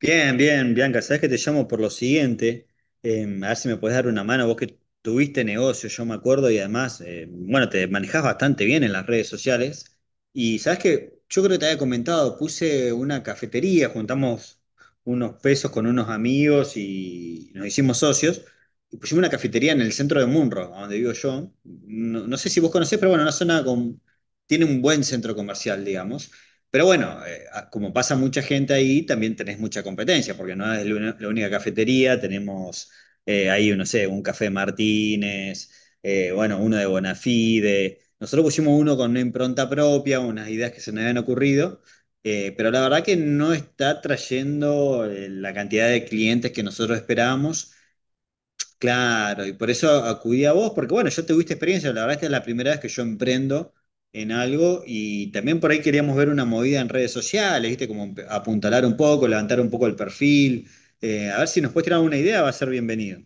Bien, bien, Bianca, sabes que te llamo por lo siguiente. A ver si me puedes dar una mano, vos que tuviste negocio, yo me acuerdo, y además, bueno, te manejás bastante bien en las redes sociales, y sabes que yo creo que te había comentado, puse una cafetería, juntamos unos pesos con unos amigos y nos hicimos socios, y pusimos una cafetería en el centro de Munro, a donde vivo yo. No sé si vos conocés, pero bueno, una zona con, tiene un buen centro comercial, digamos. Pero bueno, como pasa mucha gente ahí, también tenés mucha competencia, porque no es la la única cafetería, tenemos ahí, no sé, un café Martínez, bueno, uno de Bonafide. Nosotros pusimos uno con una impronta propia, unas ideas que se nos habían ocurrido, pero la verdad que no está trayendo la cantidad de clientes que nosotros esperábamos. Claro, y por eso acudí a vos, porque bueno, yo tuviste experiencia, la verdad esta es la primera vez que yo emprendo en algo, y también por ahí queríamos ver una movida en redes sociales, ¿viste? Como apuntalar un poco, levantar un poco el perfil, a ver si nos puedes tirar una idea, va a ser bienvenido.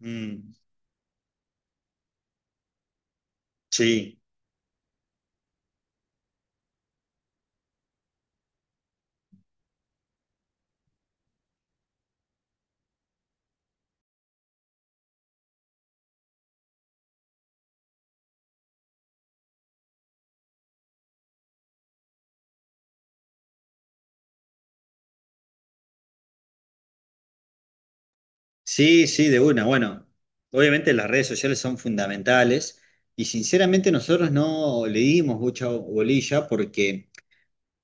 Mm, sí, sí, sí, de una. Bueno, obviamente las redes sociales son fundamentales y sinceramente nosotros no le dimos mucha bolilla porque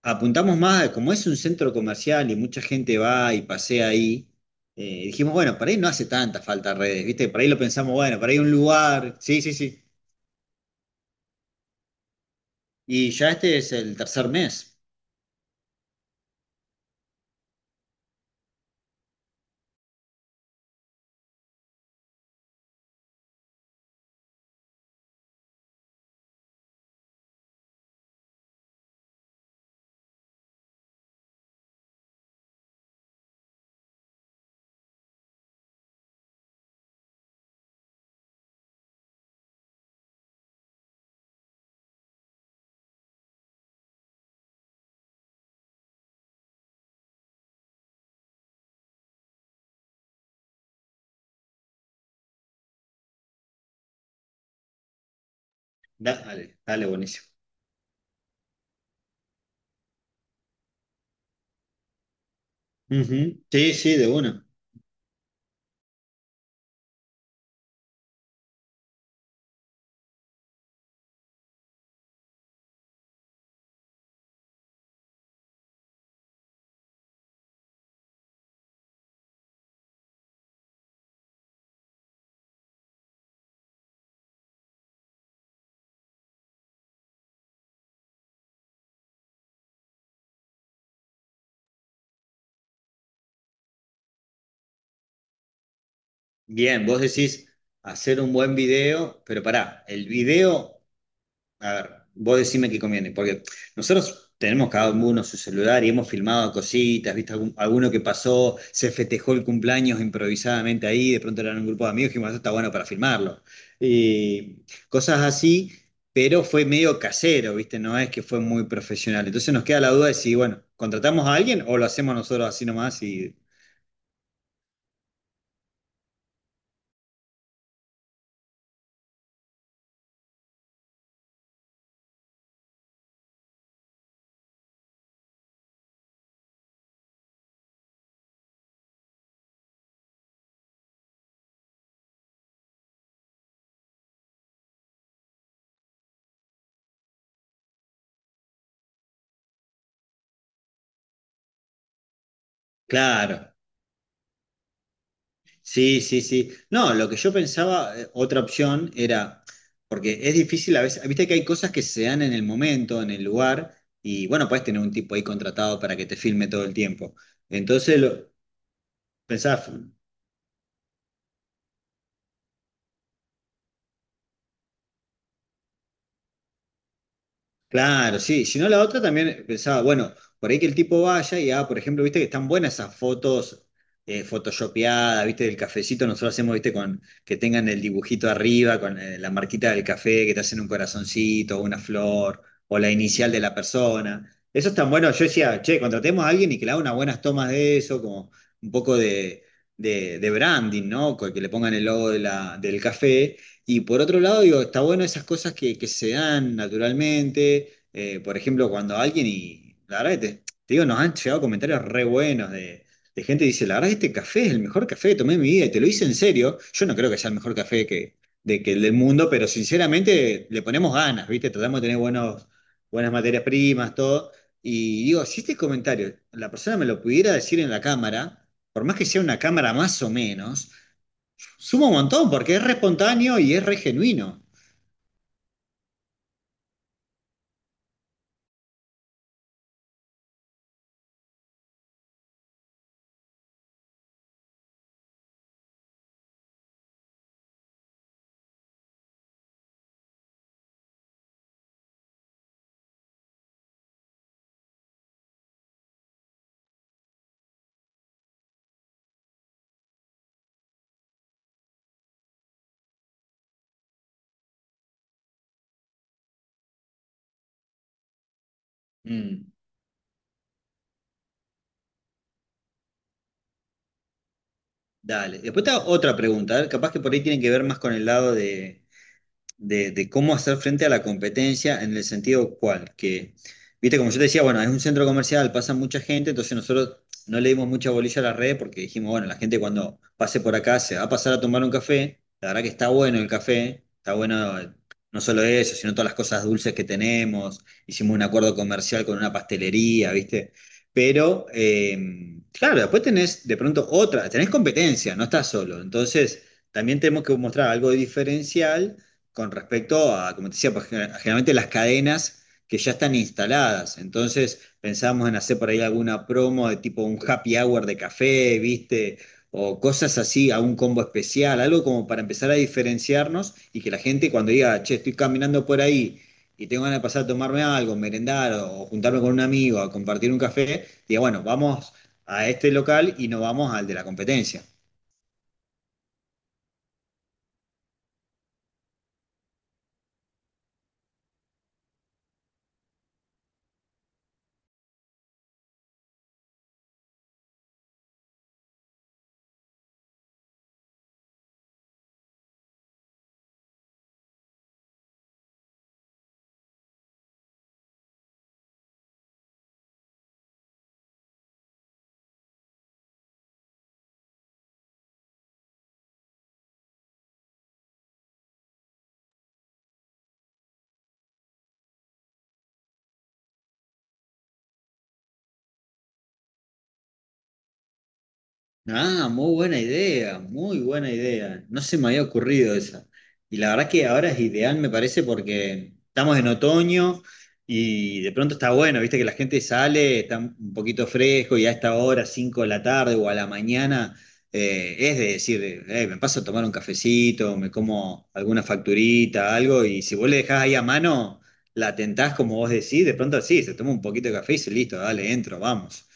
apuntamos más, como es un centro comercial y mucha gente va y pasea ahí, dijimos, bueno, por ahí no hace tanta falta redes, ¿viste? Por ahí lo pensamos, bueno, por ahí un lugar, sí, sí, sí. Y ya este es el tercer mes. Dale, dale, buenísimo. Ujú. Sí, sí, de una. Bien, vos decís hacer un buen video, pero pará, el video. A ver, vos decime qué conviene, porque nosotros tenemos cada uno su celular y hemos filmado cositas, viste alguno que pasó, se festejó el cumpleaños improvisadamente ahí, de pronto eran un grupo de amigos y dijimos, eso está bueno para filmarlo. Y cosas así, pero fue medio casero, viste, no es que fue muy profesional. Entonces nos queda la duda de si, bueno, contratamos a alguien o lo hacemos nosotros así nomás y claro. Sí, sí, sí. No, lo que yo pensaba, otra opción era, porque es difícil a veces, viste que hay cosas que se dan en el momento, en el lugar, y bueno, puedes tener un tipo ahí contratado para que te filme todo el tiempo. Entonces, lo, pensaba, claro, sí. Si no, la otra también pensaba, bueno, por ahí que el tipo vaya y haga, por ejemplo, viste que están buenas esas fotos photoshopeadas, viste, del cafecito. Nosotros hacemos, viste, con que tengan el dibujito arriba, con la marquita del café, que te hacen un corazoncito, una flor, o la inicial de la persona. Eso es tan bueno. Yo decía, che, contratemos a alguien y que le haga unas buenas tomas de eso, como un poco de branding, ¿no? Que le pongan el logo de la, del café, y por otro lado, digo, está bueno esas cosas que se dan naturalmente. Por ejemplo, cuando alguien, y la verdad que te digo, nos han llegado comentarios re buenos de gente que dice, la verdad que este café es el mejor café que tomé en mi vida, y te lo hice en serio. Yo no creo que sea el mejor café que, de, que el del mundo, pero sinceramente le ponemos ganas, ¿viste? Tratamos de tener buenos, buenas materias primas, todo. Y digo, si este comentario la persona me lo pudiera decir en la cámara, por más que sea una cámara más o menos, suma un montón porque es re espontáneo y es re genuino. Mm. Dale. Después te hago otra pregunta, a ver, capaz que por ahí tienen que ver más con el lado de cómo hacer frente a la competencia en el sentido cual, que, viste, como yo te decía, bueno, es un centro comercial, pasa mucha gente, entonces nosotros no le dimos mucha bolilla a la red porque dijimos, bueno, la gente cuando pase por acá se va a pasar a tomar un café, la verdad que está bueno el café, está bueno, no solo eso, sino todas las cosas dulces que tenemos, hicimos un acuerdo comercial con una pastelería, viste. Pero, claro, después tenés de pronto otra, tenés competencia, no estás solo. Entonces, también tenemos que mostrar algo diferencial con respecto a, como te decía, pues, generalmente las cadenas que ya están instaladas. Entonces pensamos en hacer por ahí alguna promo de tipo un happy hour de café, ¿viste? O cosas así, a un combo especial, algo como para empezar a diferenciarnos y que la gente cuando diga, che, estoy caminando por ahí y tengo ganas de pasar a tomarme algo, merendar o juntarme con un amigo a compartir un café, diga, bueno, vamos a este local y no vamos al de la competencia. Ah, muy buena idea, muy buena idea. No se me había ocurrido esa. Y la verdad que ahora es ideal, me parece, porque estamos en otoño y de pronto está bueno, viste que la gente sale, está un poquito fresco, y a esta hora, 5 de la tarde o a la mañana, es de decir, me paso a tomar un cafecito, me como alguna facturita, algo, y si vos le dejás ahí a mano, la tentás como vos decís, de pronto sí, se toma un poquito de café y dice, listo, dale, entro, vamos.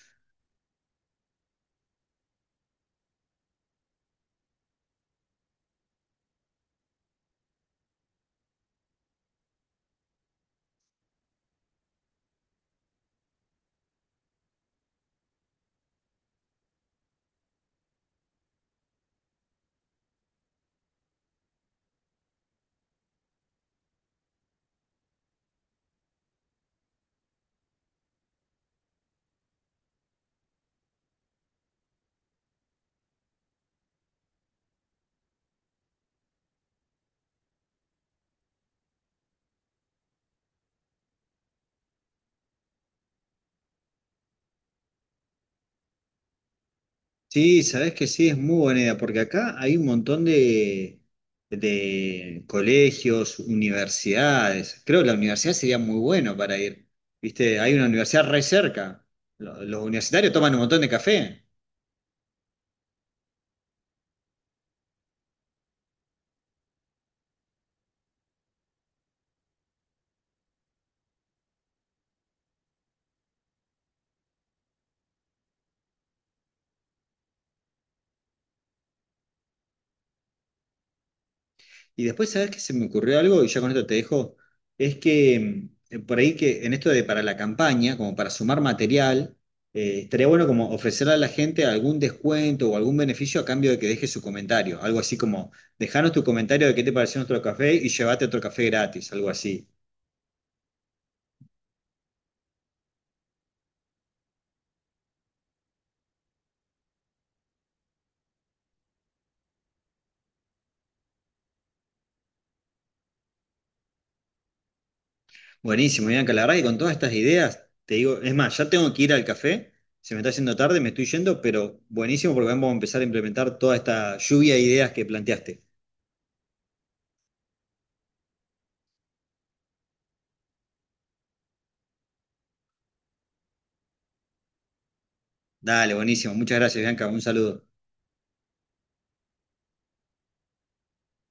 Sí, sabes que sí, es muy buena idea, porque acá hay un montón de colegios, universidades. Creo que la universidad sería muy bueno para ir. Viste, hay una universidad re cerca. Los, universitarios toman un montón de café. Y después, ¿sabes qué se me ocurrió algo? Y ya con esto te dejo. Es que por ahí que en esto de para la campaña, como para sumar material, estaría bueno como ofrecerle a la gente algún descuento o algún beneficio a cambio de que deje su comentario. Algo así como, dejanos tu comentario de qué te pareció nuestro café y llévate otro café gratis, algo así. Buenísimo, Bianca, la verdad que con todas estas ideas, te digo, es más, ya tengo que ir al café, se me está haciendo tarde, me estoy yendo, pero buenísimo porque vamos a empezar a implementar toda esta lluvia de ideas que planteaste. Dale, buenísimo. Muchas gracias, Bianca. Un saludo.